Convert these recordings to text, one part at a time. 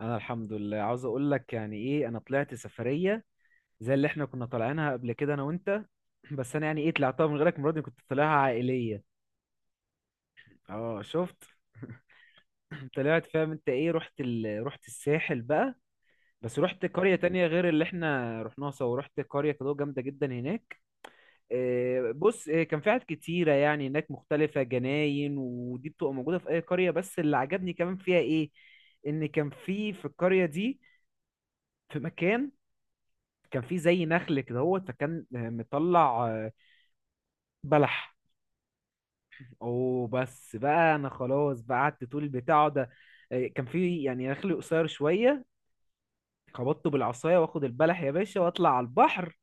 انا الحمد لله، عاوز اقول لك يعني ايه انا طلعت سفريه زي اللي احنا كنا طالعينها قبل كده انا وانت. بس انا يعني ايه طلعتها من غيرك المره دي، كنت طالعها عائليه. اه شفت؟ طلعت فاهم انت ايه؟ رحت الساحل بقى، بس رحت قريه تانية غير اللي احنا رحناها سوا. رحت قريه كده جامده جدا هناك. إيه بص إيه، كان في حاجات كتيره يعني هناك مختلفه، جناين ودي بتبقى موجوده في اي قريه، بس اللي عجبني كمان فيها ايه؟ ان كان في القريه دي، في مكان كان في زي نخل كده هو، فكان مطلع بلح. وبس بقى انا خلاص بقى، قعدت طول بتاعه ده. كان في يعني نخل قصير شويه، خبطته بالعصايه واخد البلح يا باشا واطلع على البحر.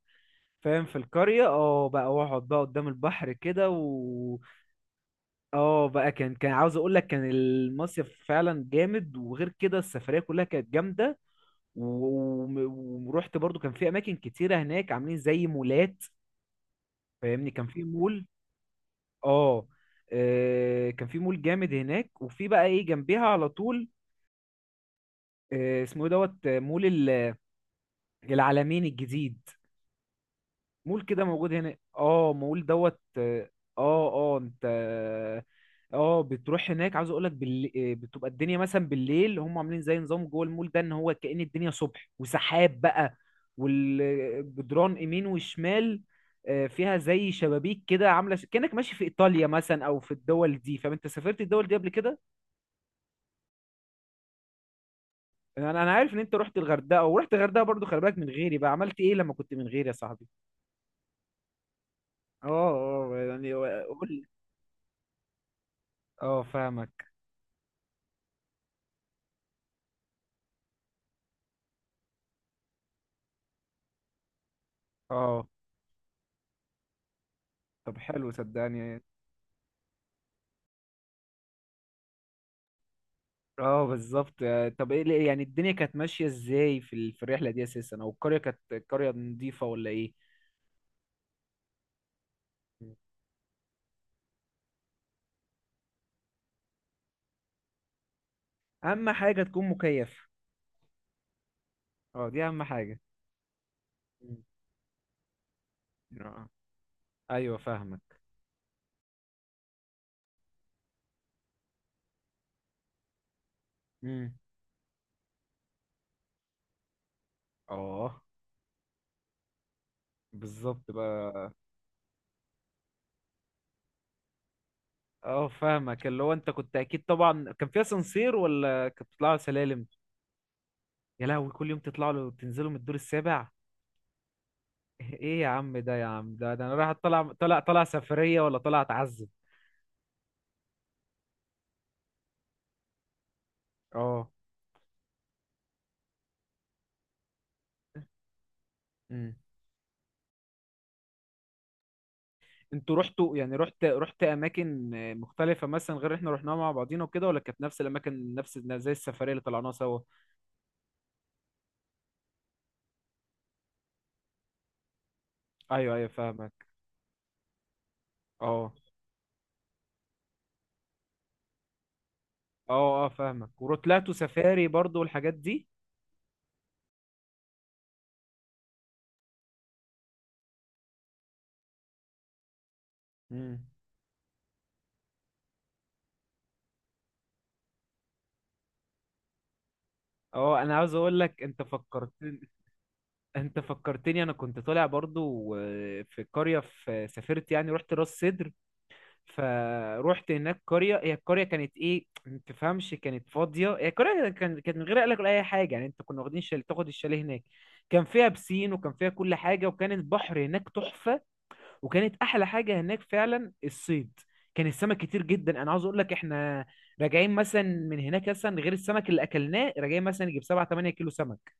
فاهم؟ في القريه اه بقى، واقعد بقى قدام البحر كده و اه بقى، كان عاوز اقول لك كان المصيف فعلا جامد، وغير كده السفريه كلها كانت جامده. و- وم- ورحت برضو كان في اماكن كتيره هناك عاملين زي مولات. فاهمني كان في مول. اه كان في مول جامد هناك، وفي بقى ايه جنبيها على طول. اسمه ايه دوت آه، مول العلمين الجديد. مول كده موجود هنا، اه مول اه. انت اه بتروح هناك، عاوز اقول لك بال... آه، بتبقى الدنيا مثلا بالليل، هم عاملين زي نظام جوه المول ده ان هو كأن الدنيا صبح وسحاب بقى، والجدران يمين وشمال فيها زي شبابيك كده عامله كأنك ماشي في ايطاليا مثلا او في الدول دي. فاهم؟ انت سافرت الدول دي قبل كده؟ انا عارف ان انت رحت الغردقه، ورحت الغردقه برضو. خلي بالك من غيري بقى عملت ايه لما كنت من غيري يا صاحبي؟ اه، اه يعني قول لي. اه فاهمك. اه طب حلو صدقني. اه بالظبط. طب ايه يعني الدنيا كانت ماشيه ازاي في الرحله دي اساسا؟ او القريه كانت قريه نظيفه ولا ايه؟ مم. اهم حاجه تكون مكيف. اه دي اهم حاجه. مم. آه. ايوه فاهمك. امم. اه بالظبط بقى. اه فاهمك، اللي هو انت كنت اكيد طبعا كان فيها سانسير، ولا كنت بتطلع سلالم؟ يا لهوي، كل يوم تطلعوا له تنزلوا من الدور السابع؟ ايه يا عم ده، يا عم ده، ده انا رايح طالع طالع طالع سفرية ولا طالع اتعذب؟ اه. امم. انتوا رحتوا يعني رحت اماكن مختلفة مثلا غير اللي احنا رحناها مع بعضينا وكده، ولا كانت نفس الاماكن نفس زي السفرية اللي طلعناها سوا؟ ايوه ايوه فاهمك. اه اه. اه فاهمك. وطلعتوا سفاري برضو والحاجات دي؟ امم. اه انا عاوز اقول لك انت فكرتني، انت فكرتني انا كنت طالع برضو في قرية، في سافرت يعني، رحت راس سدر. فروحت هناك قرية، هي القرية كانت ايه ما تفهمش، كانت فاضية هي القرية. كانت من غير قلق ولا اي حاجة يعني. انت كنا واخدين تاخد الشاليه هناك. كان فيها بسين وكان فيها كل حاجة، وكان البحر هناك تحفة. وكانت احلى حاجة هناك فعلا الصيد. كان السمك كتير جدا. انا عاوز اقول لك احنا راجعين مثلا من هناك مثلا غير السمك اللي اكلناه، راجعين مثلا يجيب 7 8 كيلو سمك.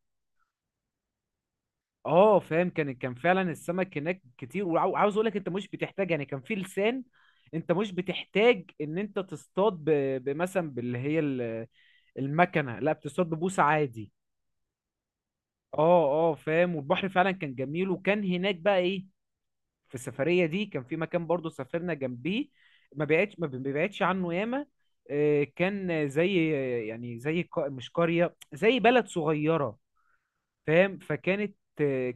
اه فاهم؟ كان فعلا السمك هناك كتير. وعاوز اقول لك انت مش بتحتاج، يعني كان في لسان، انت مش بتحتاج ان انت تصطاد بمثلا المكنه، لا بتصطاد ببوصه عادي. اه. اه فاهم. والبحر فعلا كان جميل. وكان هناك بقى ايه في السفريه دي، كان في مكان برضو سافرنا جنبيه، ما بيبعدش عنه ياما. كان زي يعني مش قريه، زي بلد صغيره. فاهم؟ فكانت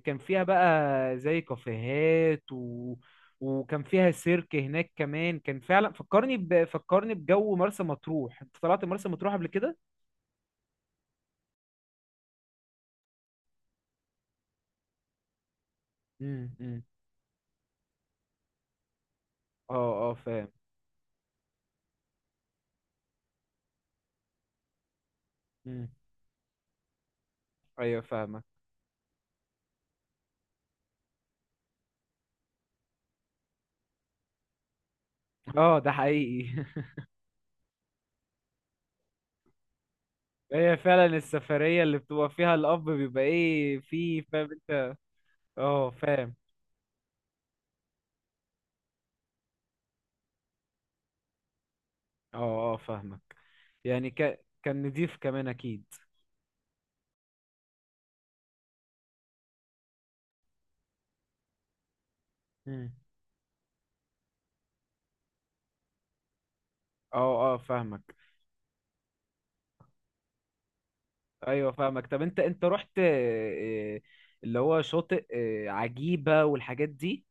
كان فيها بقى زي كافيهات وكان فيها سيرك هناك كمان. كان فعلا فكرني فكرني بجو مرسى مطروح. انت طلعت مرسى مطروح قبل كده؟ امم. اه اه فاهم. مم. ايوه فاهمك. اه ده حقيقي هي فعلا السفرية اللي بتبقى فيها الاب بيبقى ايه فيه، فاهم انت. اه فاهم. اه اه فاهمك. كان نضيف كمان اكيد. امم. اه اه فاهمك. ايوه فاهمك. طب انت رحت اللي هو شاطئ عجيبة والحاجات دي؟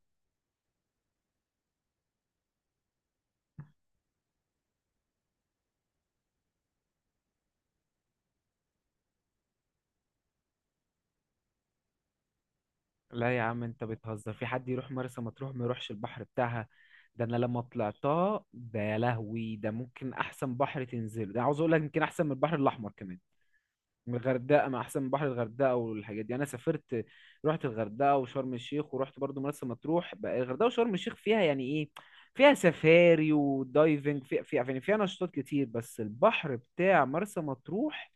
لا يا عم، انت بتهزر؟ في حد يروح مرسى مطروح ما يروحش البحر بتاعها؟ ده انا لما طلعتها، ده يا لهوي، ده ممكن احسن بحر تنزله. ده عاوز اقول لك يمكن احسن من البحر الاحمر كمان، من الغردقه، ما احسن من بحر الغردقه والحاجات دي. انا سافرت، رحت الغردقه وشرم الشيخ، ورحت برضو مرسى مطروح بقى. الغردقه وشرم الشيخ فيها يعني ايه فيها سفاري ودايفنج، في يعني فيها نشاطات كتير. بس البحر بتاع مرسى مطروح،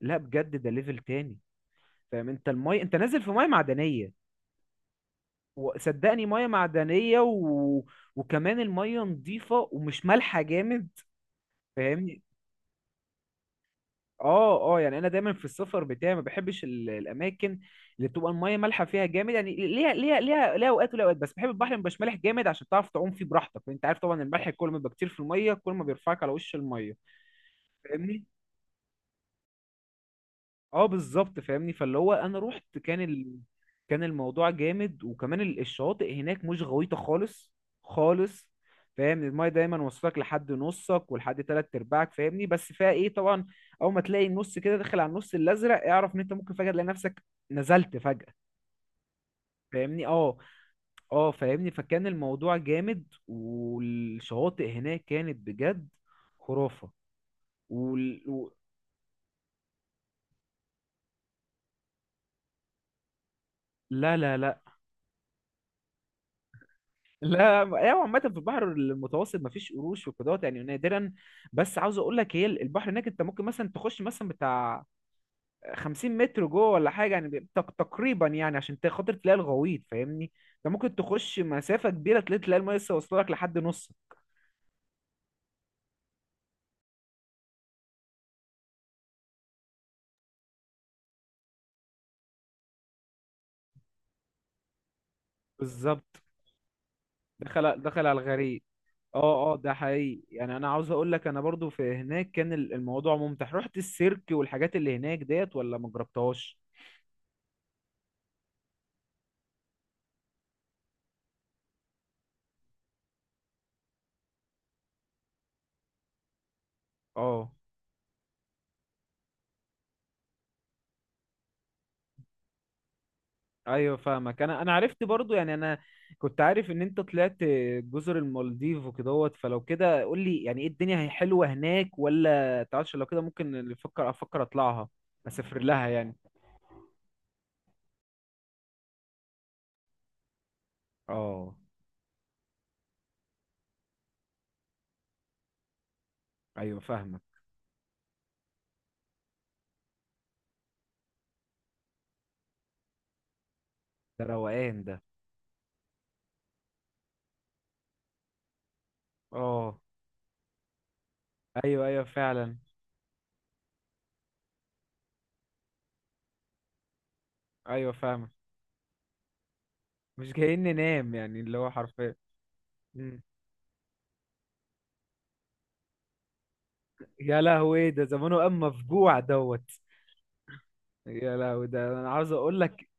لا بجد، ده ليفل تاني. فاهم انت؟ المي انت نازل في ميه معدنيه. وصدقني، ميه معدنيه وكمان الميه نظيفه، ومش مالحه جامد. فاهمني. اه اه يعني انا دايما في السفر بتاعي ما بحبش الاماكن اللي بتبقى الميه مالحه فيها جامد، يعني ليها ليها اوقات وليها اوقات. بس بحب البحر اللي مبقاش مالح جامد عشان تعرف تعوم فيه براحتك. انت عارف طبعا، الملح كل ما بيبقى كتير في الميه، كل ما بيرفعك على وش الميه. فاهمني. اه بالظبط فاهمني، فاللي هو انا رحت كان كان الموضوع جامد. وكمان الشواطئ هناك مش غويطة خالص خالص. فاهم؟ المايه دايما واصلك لحد نصك ولحد تلات ارباعك. فاهمني؟ بس فيها ايه طبعا، اول ما تلاقي النص كده داخل على النص الازرق، اعرف ان انت ممكن فجأة تلاقي نفسك نزلت فجأة. فاهمني. اه اه فاهمني. فكان الموضوع جامد، والشواطئ هناك كانت بجد خرافة. وال... و... لا لا. ايوه عامة في البحر المتوسط مفيش قروش وكده يعني، نادرا. بس عاوز اقول لك، هي البحر هناك انت ممكن مثلا تخش مثلا بتاع 50 متر جوه ولا حاجة يعني، تقريبا يعني، عشان خاطر تلاقي الغويط. فاهمني. انت ممكن تخش مسافة كبيرة، تلاقي المية لسه واصلة لك لحد نص. بالظبط. دخل دخل على الغريق. اه اه ده حقيقي. يعني انا عاوز اقول لك انا برضو في هناك، كان الموضوع ممتع. رحت السيرك والحاجات اللي هناك ديت، ولا ما جربتهاش. اه ايوه فاهمك. انا عرفت برضو، يعني انا كنت عارف ان انت طلعت جزر المالديف وكدهوت. فلو كده قول لي يعني ايه، الدنيا هي حلوه هناك ولا تعرفش؟ لو كده ممكن افكر اطلعها، اسافر لها يعني. اه ايوه فاهمك. ده روقان ده. اه ايوه ايوه فعلا. ايوه فاهمك. مش جايين ننام يعني، اللي هو حرفيا. مم. يا لهوي، ده زمانه قام مفجوع يا لهوي، ده انا عاوز اقول لك،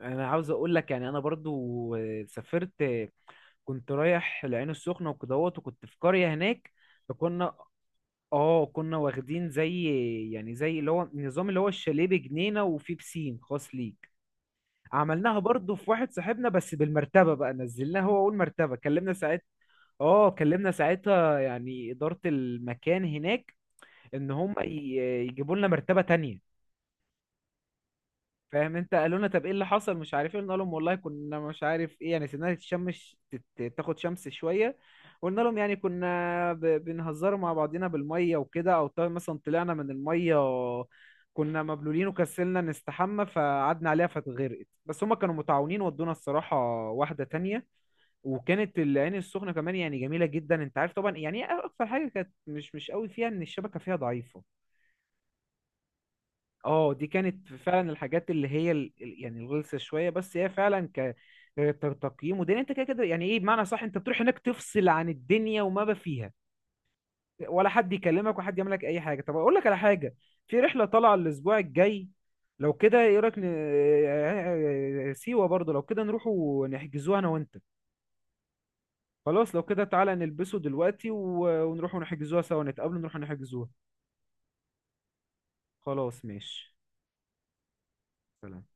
انا عاوز اقول لك، يعني انا برضو سافرت. كنت رايح العين السخنة وكدهوت، وكنت في قرية هناك. فكنا، اه كنا واخدين زي، يعني زي اللي هو النظام، اللي هو الشاليه بجنينة وفيه بسين خاص ليك. عملناها برضو في واحد صاحبنا، بس بالمرتبة بقى نزلناها. هو أول مرتبة كلمنا ساعتها. اه كلمنا ساعتها يعني إدارة المكان هناك، إن هم ي- يجيبوا لنا مرتبة تانية. فاهم انت؟ قالوا لنا طب ايه اللي حصل؟ مش عارف ايه. قلنا لهم والله كنا مش عارف ايه، يعني سيبناها تتشمس، تاخد شمس شويه. قلنا لهم يعني كنا بنهزروا مع بعضينا بالميه وكده، او طيب مثلا طلعنا من الميه، كنا مبلولين وكسلنا نستحمى فقعدنا عليها فاتغرقت. بس هما كانوا متعاونين، ودونا الصراحه واحده تانية. وكانت العين السخنه كمان يعني جميله جدا. انت عارف طبعا يعني ايه، اكتر حاجه كانت مش مش قوي فيها، ان الشبكه فيها ضعيفه. اه دي كانت فعلا الحاجات اللي هي يعني الغلسه شويه. بس هي فعلا تقييم ودين انت كده كده، يعني ايه بمعنى صح، انت بتروح هناك تفصل عن الدنيا، وما بقى فيها ولا حد يكلمك ولا حد يعمل لك اي حاجه. طب اقول لك على حاجه، في رحله طالعه الاسبوع الجاي. لو كده ايه رايك سيوه برضه؟ لو كده نروحوا نحجزوها انا وانت. خلاص لو كده تعالى نلبسه دلوقتي ونروحوا نحجزوها سوا، نتقابلوا نروحوا نحجزوها. خلاص ماشي. سلام.